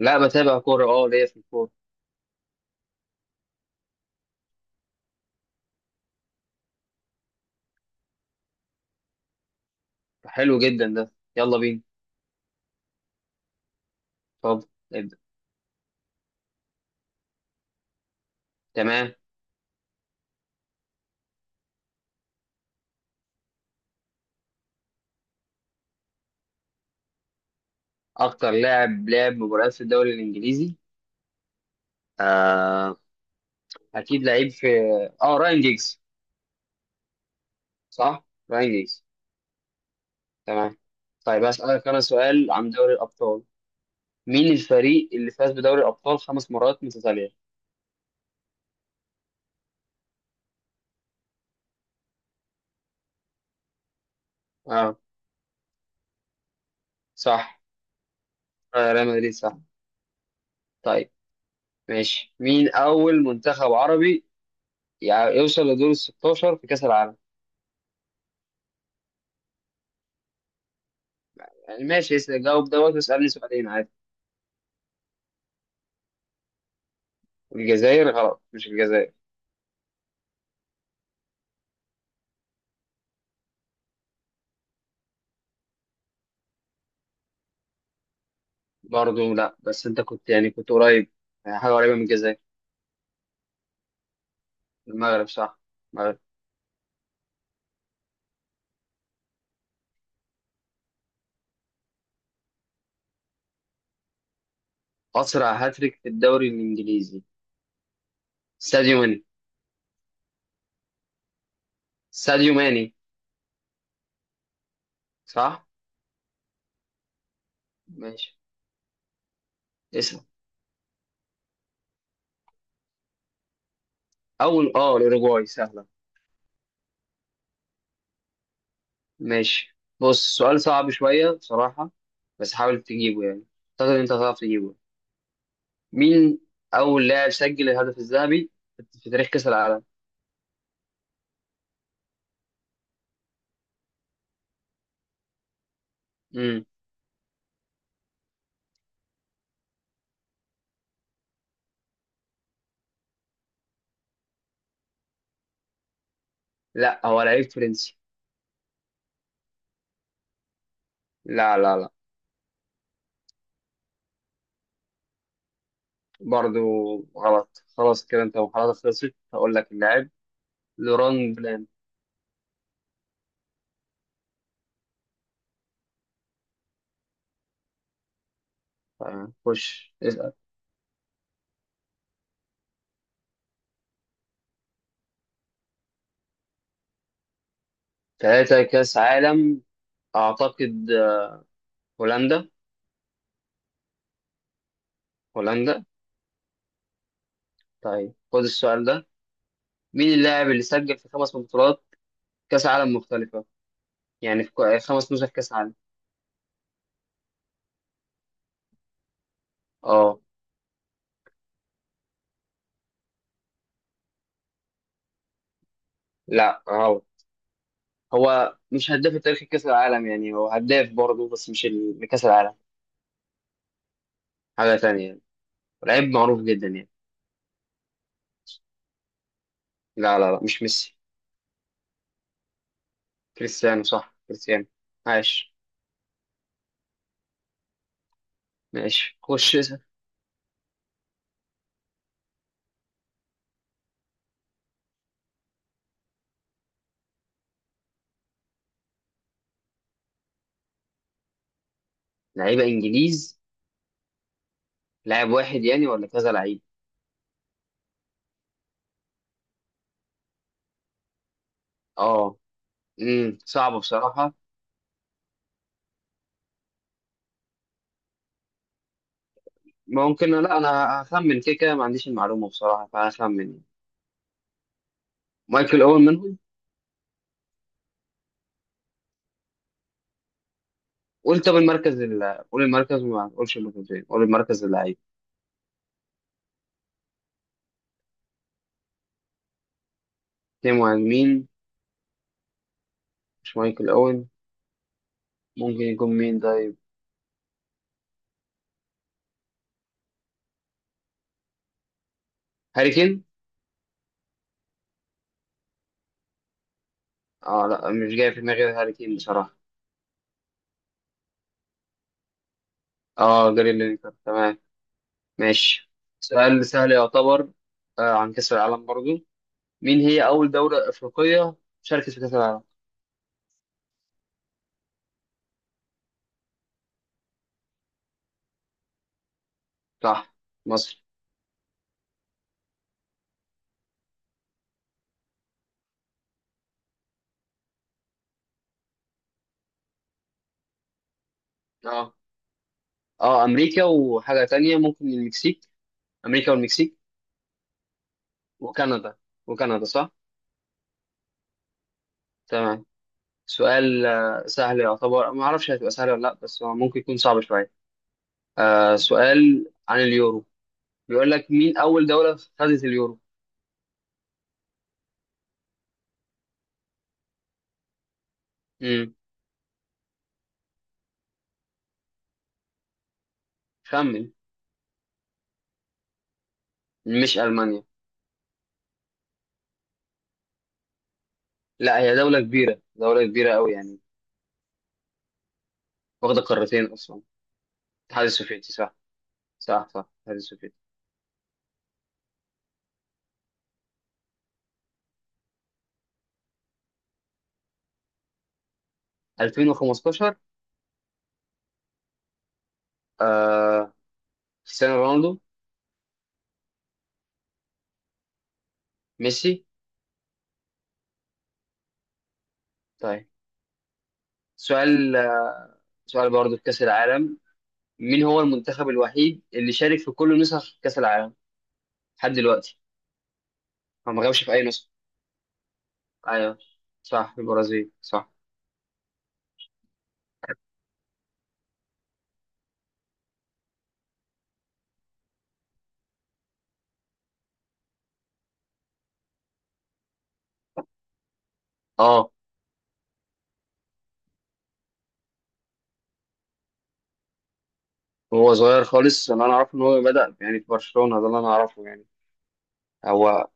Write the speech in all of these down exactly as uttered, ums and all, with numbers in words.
لا، بتابع كورة، اه ليا في الكورة. حلو جدا ده، يلا بينا. اتفضل. ابدأ. تمام. أكتر لاعب لعب مباريات في الدوري الإنجليزي. آه أكيد لعيب في اه راين جيجز. صح. راين جيجز. تمام. طيب، هسألك أنا سؤال عن دوري الأبطال. مين الفريق اللي فاز بدوري الأبطال خمس مرات متتالية؟ اه، صح. آه، ريال مدريد، صح. طيب ماشي. مين أول منتخب عربي يع- يوصل لدور ال ستاشر في كأس العالم؟ يعني ماشي، اس- جاوب دوت واسألني سؤالين عادي. الجزائر غلط، مش الجزائر. برضه لا، بس انت كنت يعني كنت قريب، يعني حاجه قريبه من الجزائر. المغرب صح، المغرب. اسرع هاتريك في الدوري الانجليزي، ساديو ماني. ساديو ماني. صح. ماشي. اسم. اول اه الاوروجواي، سهله. ماشي، بص، سؤال صعب شويه بصراحه، بس حاول تجيبه يعني، اعتقد انت هتعرف تجيبه. مين اول لاعب سجل الهدف الذهبي في تاريخ كاس العالم؟ امم. لا، هو لعيب فرنسي. لا لا لا. برضو غلط. خلاص كده انت محاولاتك خلصت، هقول لك اللاعب. لوران بلان. آه، خش اسأل. ثلاثة كأس عالم، أعتقد آه، هولندا. هولندا. طيب خد السؤال ده. مين اللاعب اللي سجل في خمس بطولات كأس عالم مختلفة، يعني في كو- خمس نسخ كأس عالم؟ اه. لا غلط. هو مش هداف تاريخ كأس العالم، يعني هو هداف برضه بس مش ال- لكأس العالم. حاجة تانية يعني. لعيب معروف جدا يعني. لا لا لا، مش ميسي. كريستيانو صح، كريستيانو. عاش. ماشي، خش اسأل. لعيبة انجليز. لاعب واحد يعني ولا كذا لعيب؟ اه. امم صعب بصراحة. ممكن، لا انا هخمن كده كده، ما عنديش المعلومة بصراحة فهخمن يعني. مايكل اول منهم. قول، طب المركز ال... قول المركز، وما تقولش اللوكوموتيف، قول المركز اللعيب. اتنين مهاجمين، مش مايكل اوين؟ ممكن يكون مين طيب؟ هاري كين. اه، لا، مش جاي في دماغي غير هاري كين بصراحة. اه، جاري لينكر، تمام. ماشي. سؤال سهل يعتبر. آه عن كأس العالم برضو، مين هي أول دولة أفريقية شاركت في كأس العالم؟ صح، مصر. اه اه، أمريكا وحاجة تانية ممكن المكسيك. أمريكا والمكسيك. وكندا. وكندا صح؟ تمام. سؤال آه، سهل يعتبر، ما أعرفش هتبقى سهلة ولا لأ، بس هو ممكن يكون صعب شوية. آه سؤال عن اليورو. بيقول لك مين أول دولة خدت اليورو؟ امم. خمن. مش ألمانيا. لا، هي دولة كبيرة، دولة كبيرة أوي يعني. واخدة قارتين أصلا. الاتحاد السوفيتي صح. صح صح، الاتحاد السوفيتي. ألفين وخمستاشر. آه كريستيانو رونالدو. ميسي. طيب. سؤال سؤال برضه في كأس العالم. مين هو المنتخب الوحيد اللي شارك في كل نسخ كأس العالم لحد دلوقتي؟ هو ما غابش في أي نسخة. أيوه. صح البرازيل، صح. اه، هو صغير خالص اللي أنا أعرفه إن هو بدأ يعني في برشلونة، ده اللي أنا أعرفه يعني. هو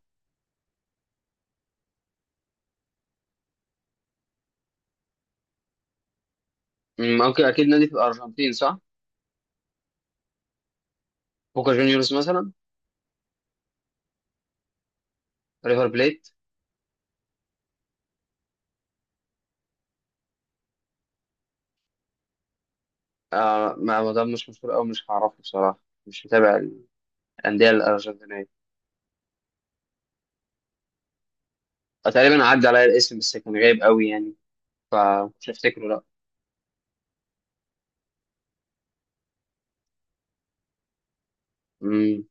ممكن، أكيد نادي في الأرجنتين صح؟ بوكا جونيورز مثلا. ريفر بليت. آه، ما ما ده مش مشهور أوي، مش هعرفه بصراحة. مش متابع. الأندية الأرجنتينية. تقريبا عدى عليا الاسم، بس كان غايب قوي يعني، فمش هفتكره لا. امم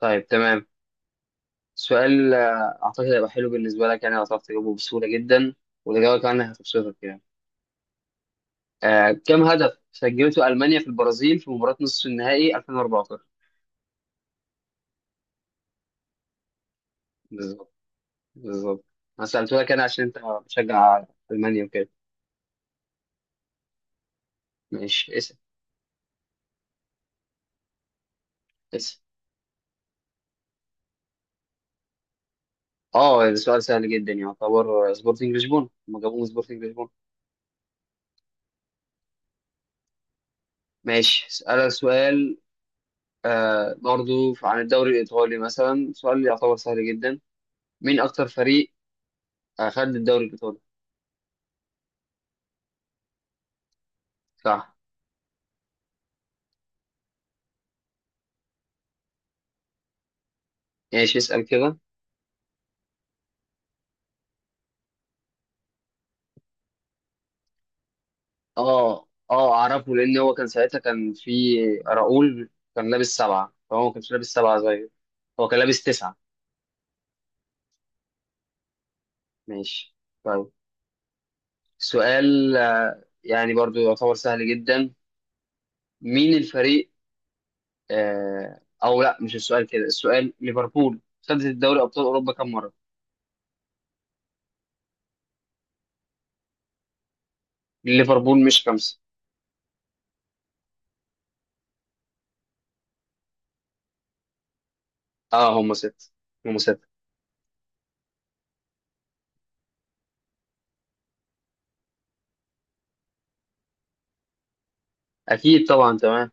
طيب تمام. سؤال آه، اعتقد هيبقى حلو بالنسبه لك، يعني هتعرف تجاوبه بسهوله جدا، والاجابه كمان هتبسطك يعني. آه كم هدف سجلته المانيا في البرازيل في مباراه نصف النهائي ألفين وأربعتاشر؟ بالظبط، بالظبط. انا سالته لك انا عشان انت بتشجع المانيا وكده. ماشي، اسال. اسال. اه، ده سؤال سهل جدا يعني، يعتبر سبورتنج لشبونه، هم جابوه من سبورتنج لشبونه. ماشي، اسالك سؤال. آه برضو عن الدوري الإيطالي مثلا، سؤال يعتبر سهل جدا. مين أكتر فريق أخد الدوري الإيطالي؟ صح. ماشي، اسأل كده. اه اه، أعرفه لأن هو كان ساعتها كان في راؤول، كان لابس سبعة، فهو ما كانش لابس سبعة زيه. هو كان لابس تسعة. ماشي. طيب. سؤال آه يعني برضو يعتبر سهل جدا. مين الفريق آه أو لا، مش السؤال كده. السؤال ليفربول خدت الدوري أبطال أوروبا كم مرة؟ ليفربول مش خمسة. اه، هم ستة. هم ستة. اكيد طبعا، تمام.